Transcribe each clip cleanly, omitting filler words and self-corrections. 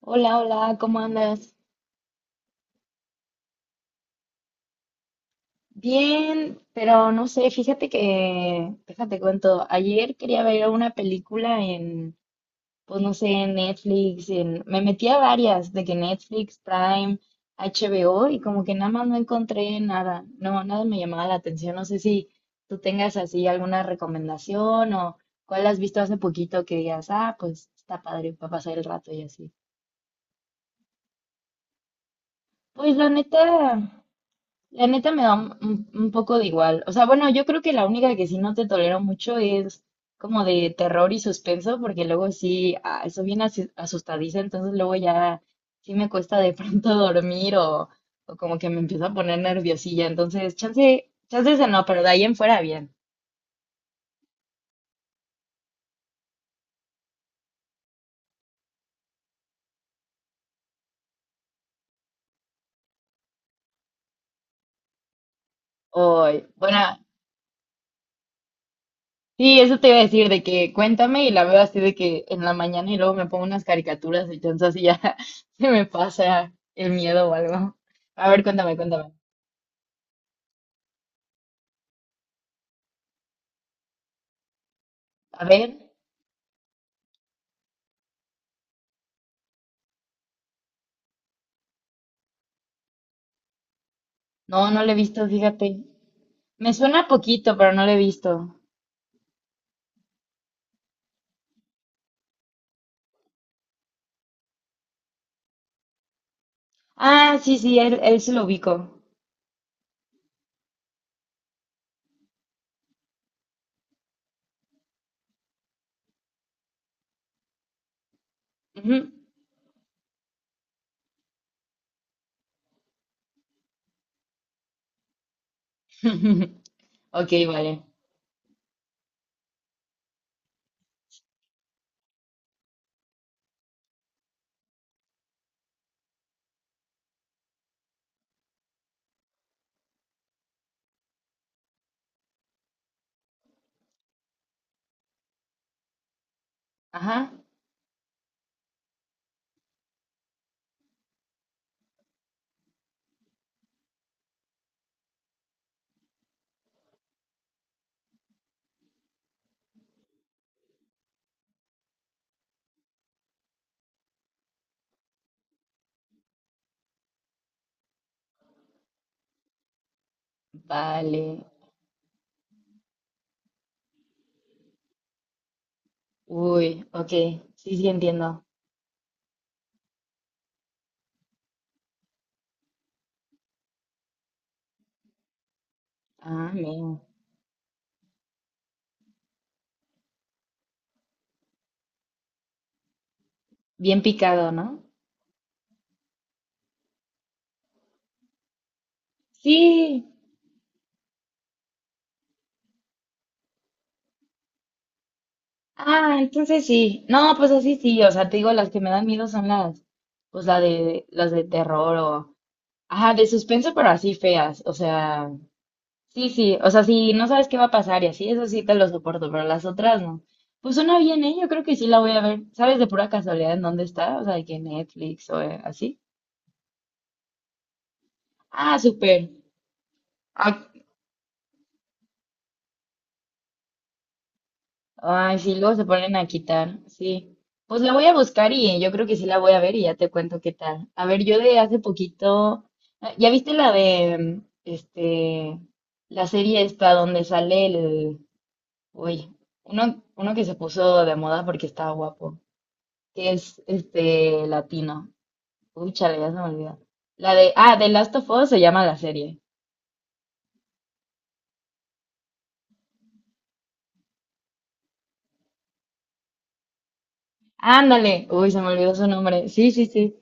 Hola, hola, ¿cómo andas? Bien, pero no sé, fíjate que, déjate cuento, ayer quería ver una película en, pues no sé, en Netflix, en, me metí a varias, de que Netflix, Prime, HBO, y como que nada más no encontré nada, no, nada me llamaba la atención, no sé si tú tengas así alguna recomendación o cuál has visto hace poquito que digas, ah, pues está padre para pasar el rato y así. Pues la neta. La neta me da un, un poco de igual. O sea, bueno, yo creo que la única que sí no te tolero mucho es como de terror y suspenso, porque luego sí, soy bien asustadiza, entonces luego ya sí me cuesta de pronto dormir o como que me empiezo a poner nerviosilla. Entonces, chance ese no, pero de ahí en fuera bien. O, bueno, sí, eso te iba a decir, de que cuéntame y la veo así de que en la mañana y luego me pongo unas caricaturas y entonces así ya se me pasa el miedo o algo. A ver, cuéntame. A ver, no, no lo he visto, fíjate. Me suena poquito, pero no lo he visto. Ah, sí, sí, él se lo ubico. Ujú. Ok, vale. Ajá, vale. Uy, ok, sí, sí, entiendo. Ah, mira. Bien picado, ¿no? Sí. Ah, entonces sí. No, pues así sí, o sea, te digo, las que me dan miedo son las, pues la de, las de terror o, ajá, de suspenso, pero así feas, o sea. Sí, sí, o sea, si no sabes qué va a pasar y así, eso sí te lo soporto, pero las otras no. Pues suena bien, ¿eh? Yo creo que sí la voy a ver. ¿Sabes de pura casualidad en dónde está? O sea, de que Netflix o así. Ah, súper. Ah, ay, sí, luego se ponen a quitar, sí. Pues la voy a buscar y yo creo que sí la voy a ver y ya te cuento qué tal. A ver, yo de hace poquito, ah, ¿ya viste la de, la serie esta donde sale el, uy, uno que se puso de moda porque estaba guapo? Que es este latino. Uy, chale, ya se me olvidó. La de, ah, The Last of Us se llama la serie. Ándale, uy, se me olvidó su nombre. Sí, sí, sí.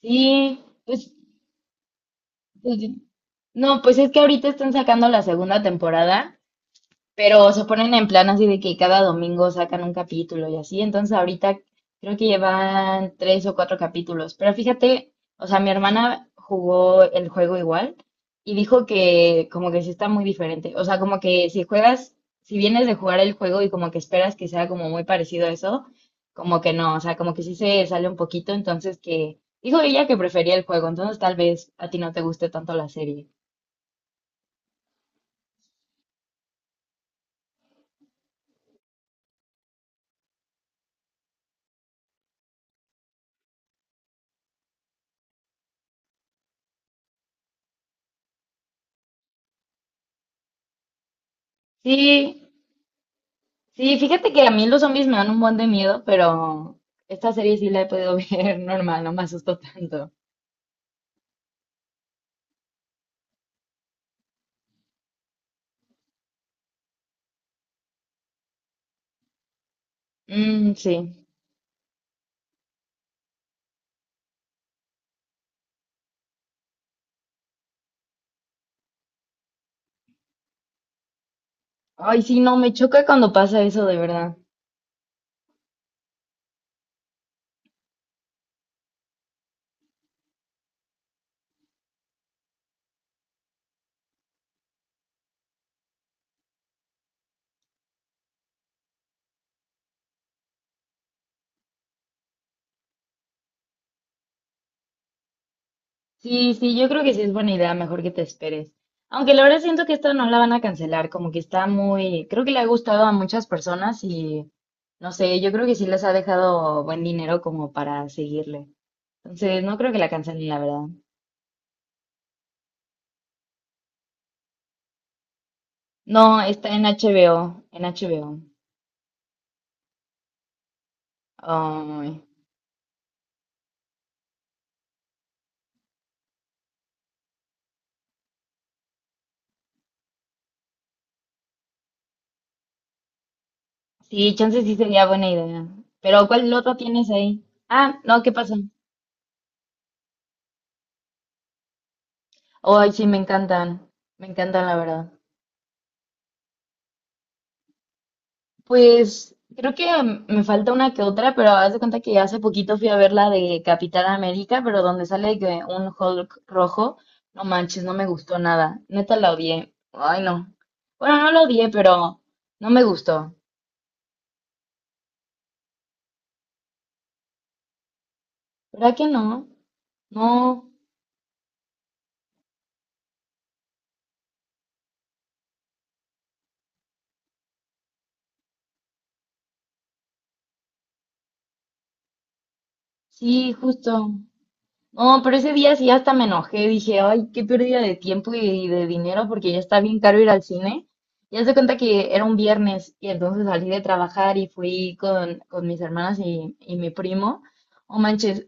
Sí, pues, pues, no, pues es que ahorita están sacando la segunda temporada. Pero se ponen en plan así de que cada domingo sacan un capítulo y así. Entonces ahorita creo que llevan tres o cuatro capítulos. Pero fíjate, o sea, mi hermana jugó el juego igual y dijo que como que sí está muy diferente. O sea, como que si juegas, si vienes de jugar el juego y como que esperas que sea como muy parecido a eso, como que no, o sea, como que sí se sale un poquito. Entonces que dijo ella que prefería el juego. Entonces tal vez a ti no te guste tanto la serie. Sí, sí, fíjate que a mí los zombies me dan un buen de miedo, pero esta serie sí la he podido ver normal, no me asustó tanto. Mm, sí. Ay, sí, no, me choca cuando pasa eso, de verdad. Sí, sí, yo creo que sí es buena idea, mejor que te esperes. Aunque la verdad siento que esta no la van a cancelar, como que está muy, creo que le ha gustado a muchas personas y no sé, yo creo que sí les ha dejado buen dinero como para seguirle. Entonces, no creo que la cancelen, la verdad. No, está en HBO, en HBO. Ay. Sí, chance sí sería buena idea. Pero ¿cuál otro tienes ahí? Ah, no, ¿qué pasó? Ay, sí, me encantan. Me encantan, la verdad. Pues creo que me falta una que otra, pero haz de cuenta que hace poquito fui a ver la de Capitán América, pero donde sale que un Hulk rojo. No manches, no me gustó nada. Neta la odié. Ay, no. Bueno, no la odié, pero no me gustó. ¿Verdad que no? No. Sí, justo. No, pero ese día sí hasta me enojé, dije, ay, qué pérdida de tiempo y de dinero porque ya está bien caro ir al cine. Y haz de cuenta que era un viernes y entonces salí de trabajar y fui con mis hermanas y mi primo. Oh, manches,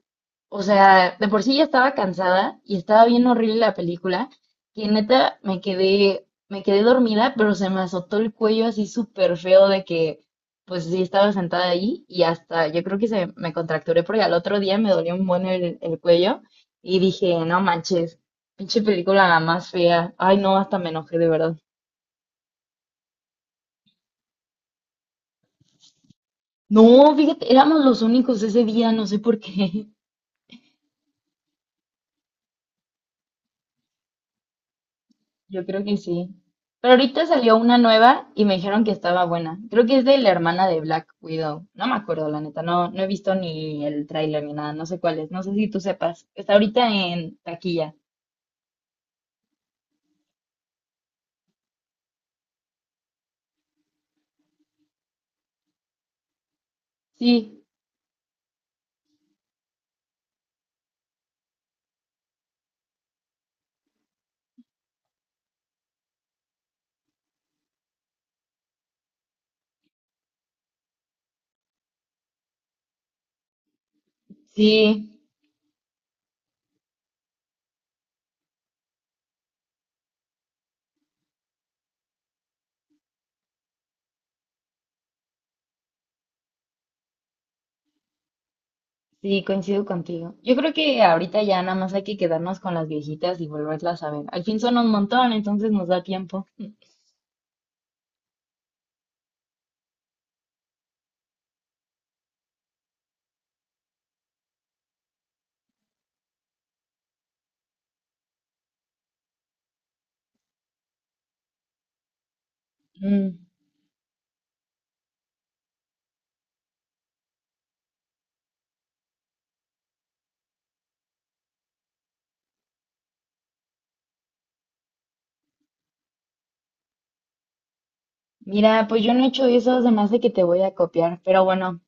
o sea, de por sí ya estaba cansada y estaba bien horrible la película, que neta me quedé dormida, pero se me azotó el cuello así súper feo de que pues sí, estaba sentada ahí y hasta yo creo que se me contracturé porque al otro día me dolió un buen el cuello y dije, no manches, pinche película la más fea. Ay, no, hasta me enojé de verdad. No, fíjate, éramos los únicos ese día, no sé por qué. Yo creo que sí. Pero ahorita salió una nueva y me dijeron que estaba buena. Creo que es de la hermana de Black Widow. No me acuerdo, la neta. No, no he visto ni el tráiler ni nada. No sé cuál es. No sé si tú sepas. Está ahorita en taquilla. Sí, sí. Sí, coincido contigo. Yo creo que ahorita ya nada más hay que quedarnos con las viejitas y volverlas a ver. Al fin son un montón, entonces nos da tiempo. Mm, mira, pues yo no he hecho eso, se me hace que te voy a copiar, pero bueno,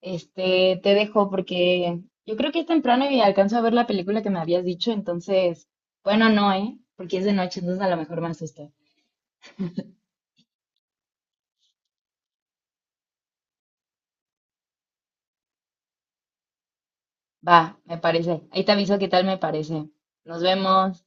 te dejo porque yo creo que es temprano y alcanzo a ver la película que me habías dicho, entonces, bueno, no, ¿eh? Porque es de noche, entonces a lo mejor me asusto. Va, me parece. Ahí te aviso qué tal me parece. Nos vemos.